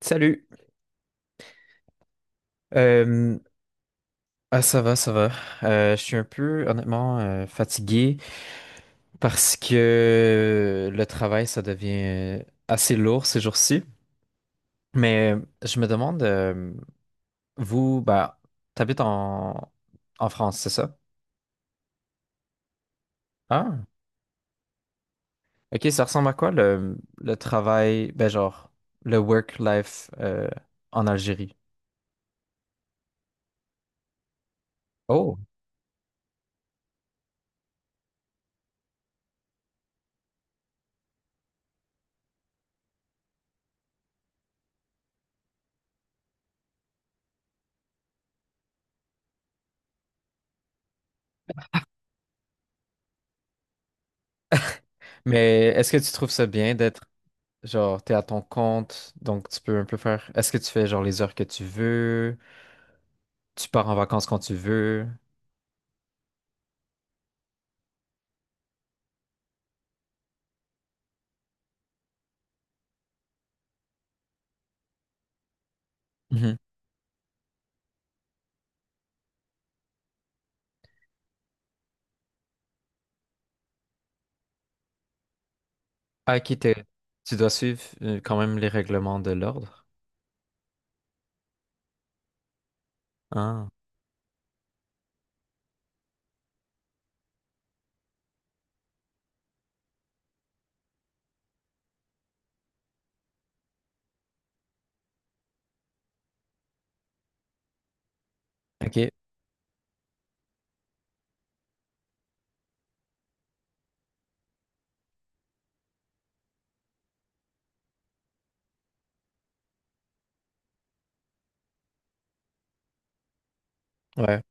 Salut. Euh, ah, ça va, ça va. Je suis un peu, honnêtement, fatigué parce que le travail, ça devient assez lourd ces jours-ci. Mais je me demande, vous, bah, t'habites en France, c'est ça? Ah, ok, ça ressemble à quoi le travail, ben genre, le work-life en Algérie? Oh, mais est-ce que tu trouves ça bien d'être. Genre, t'es à ton compte, donc tu peux un peu faire. Est-ce que tu fais genre les heures que tu veux? Tu pars en vacances quand tu veux? Mhm. Ah, ok, tu dois suivre quand même les règlements de l'ordre. Ah, ok, ouais,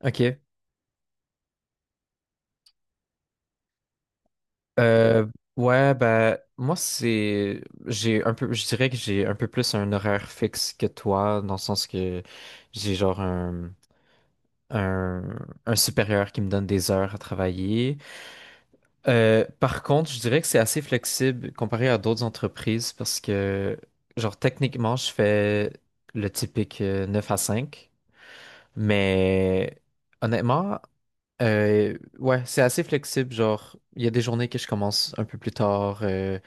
ok. Euh, ouais, bah, moi, c'est. J'ai un peu. Je dirais que j'ai un peu plus un horaire fixe que toi, dans le sens que j'ai genre un, un supérieur qui me donne des heures à travailler. Par contre, je dirais que c'est assez flexible comparé à d'autres entreprises parce que, genre, techniquement, je fais le typique 9 à 5. Mais honnêtement, ouais, c'est assez flexible. Genre, il y a des journées que je commence un peu plus tard,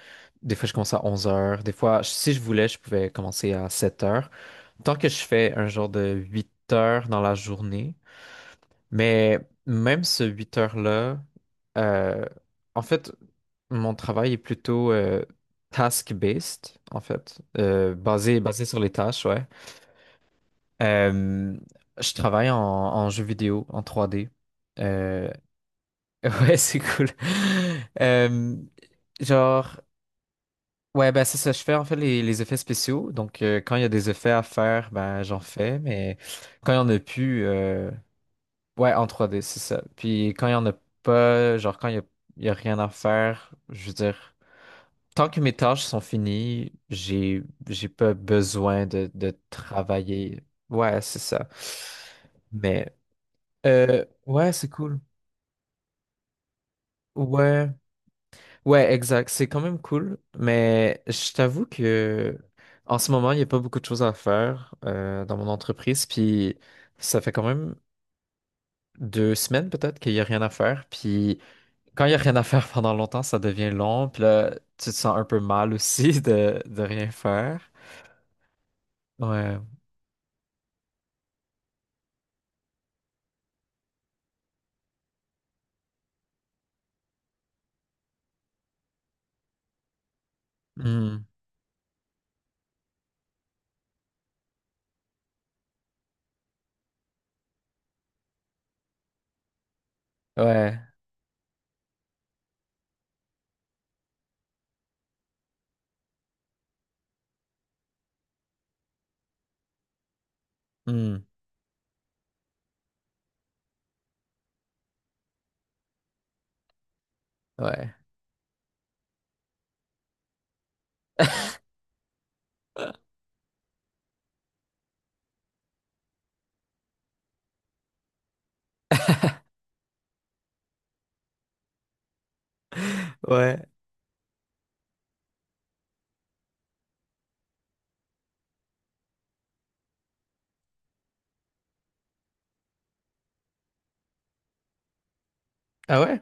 des fois je commence à 11 heures, des fois, si je voulais, je pouvais commencer à 7 heures. Tant que je fais un genre de 8 heures dans la journée, mais même ce 8 heures-là, euh, en fait, mon travail est plutôt task-based, en fait, basé sur les tâches, ouais. Euh, je travaille en jeu vidéo, en 3D. Euh, ouais, c'est cool. Euh, genre, ouais, ben c'est ça, je fais en fait les effets spéciaux. Donc, quand il y a des effets à faire, ben j'en fais, mais quand il n'y en a plus, ouais, en 3D c'est ça. Puis quand il y en a pas, genre quand il y a rien à faire, je veux dire, tant que mes tâches sont finies, j'ai pas besoin de travailler. Ouais, c'est ça. Mais ouais, c'est cool. Ouais, ouais, exact. C'est quand même cool. Mais je t'avoue que en ce moment, il n'y a pas beaucoup de choses à faire dans mon entreprise. Puis ça fait quand même 2 semaines peut-être qu'il n'y a rien à faire. Puis quand il n'y a rien à faire pendant longtemps, ça devient long. Puis là, tu te sens un peu mal aussi de rien faire. Ouais. Hmm. Ouais. Hmm. Ouais. Ouais. Ah ouais?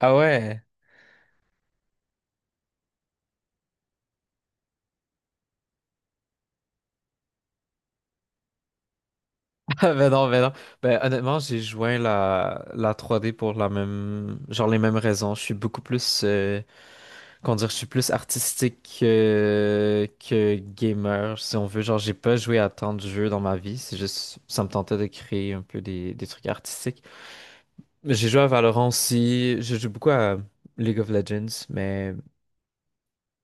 Ah ouais. Ben non, ben non. Ben honnêtement, j'ai joint la 3D pour la même, genre les mêmes raisons. Je suis beaucoup plus, comment dire, je suis plus artistique que gamer, si on veut. Genre, j'ai pas joué à tant de jeux dans ma vie. C'est juste, ça me tentait de créer un peu des trucs artistiques. J'ai joué à Valorant aussi. Je joue beaucoup à League of Legends, mais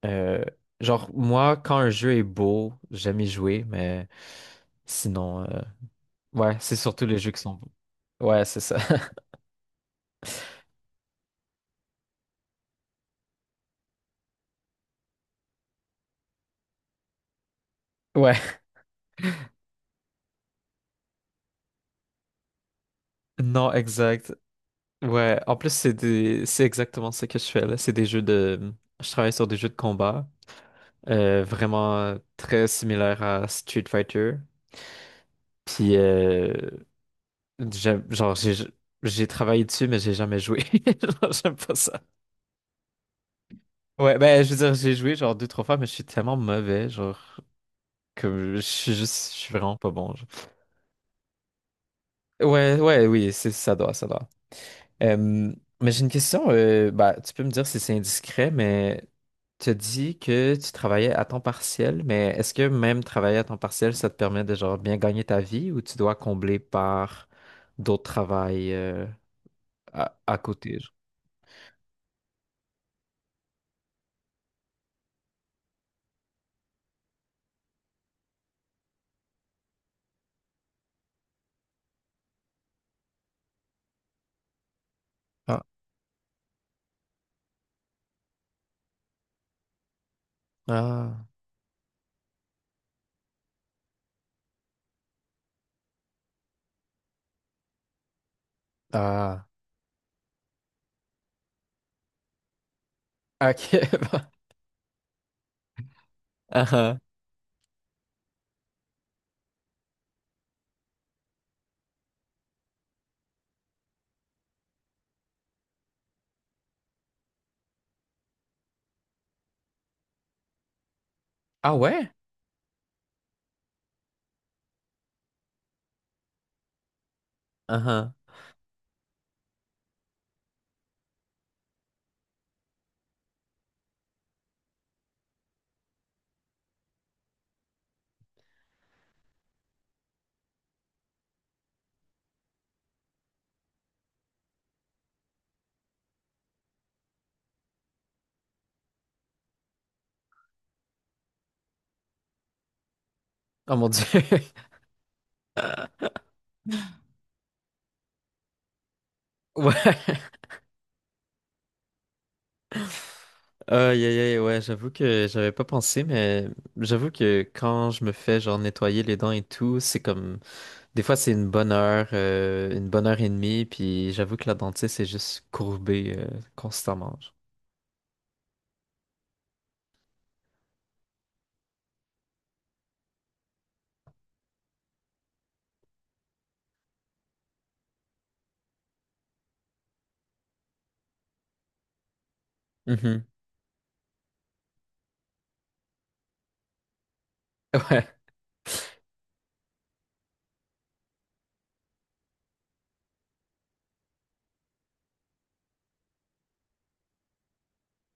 euh, genre moi, quand un jeu est beau, j'aime y jouer, mais sinon, ouais, c'est surtout les jeux qui sont beaux. Ouais, c'est ça. Ouais. Non, exact. Ouais. En plus, c'est exactement ce que je fais là. C'est des jeux de. Je travaille sur des jeux de combat, vraiment très similaires à Street Fighter. Puis, genre, j'ai travaillé dessus, mais j'ai jamais joué. Genre, j'aime pas ça. Ouais, ben, je veux dire, j'ai joué genre deux, trois fois, mais je suis tellement mauvais, genre, que je suis juste, je suis vraiment pas bon. Genre. Ouais, ouais, oui, c'est, ça doit, ça doit. Euh, mais j'ai une question, bah, tu peux me dire si c'est indiscret, mais tu as dit que tu travaillais à temps partiel, mais est-ce que même travailler à temps partiel, ça te permet de genre bien gagner ta vie ou tu dois combler par d'autres travails à côté. Ah, ah, ah. Ok. Bah. Ah ah. Ah ouais? Ah ah. Oh mon Dieu. Ouais. Aïe, aïe, aïe, ouais, j'avoue que j'avais pas pensé, mais j'avoue que quand je me fais genre nettoyer les dents et tout, c'est comme. Des fois, c'est une bonne heure et demie, puis j'avoue que la dentiste est juste courbée constamment. Genre. Mhm.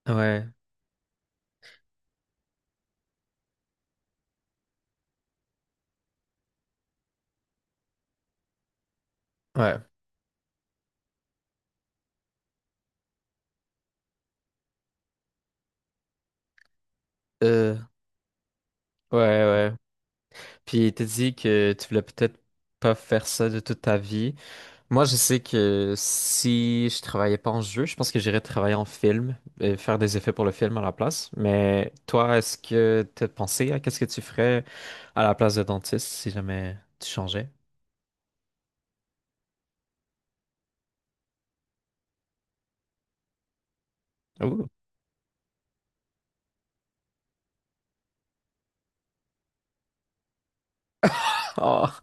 Ouais, ouais, ouais. Euh, ouais, ouais. Puis t'as dit que tu voulais peut-être pas faire ça de toute ta vie. Moi, je sais que si je travaillais pas en jeu, je pense que j'irais travailler en film et faire des effets pour le film à la place. Mais toi, est-ce que t'as pensé à qu'est-ce que tu ferais à la place de dentiste si jamais tu changeais? Ouh. Oh,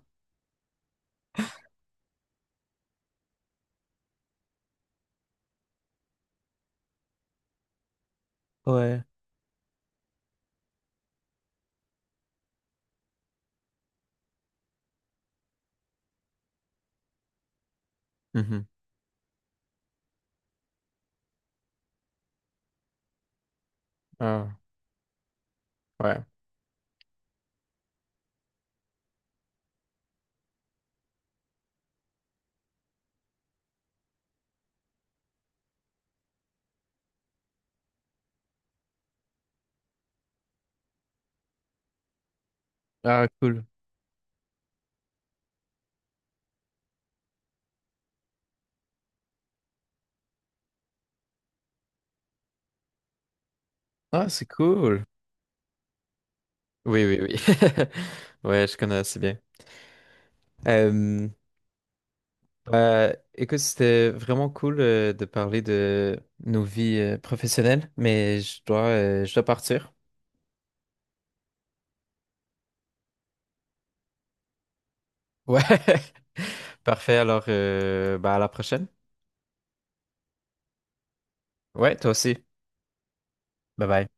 ouais. Mm-hmm. Ah, ouais. Ah, cool. Ah, c'est cool. Oui, oui, oui. Ouais, je connais assez bien. Euh, Bah, écoute, c'était vraiment cool de parler de nos vies professionnelles, mais je dois partir. Ouais, parfait. Alors, bah, à la prochaine. Ouais, toi aussi. Bye bye.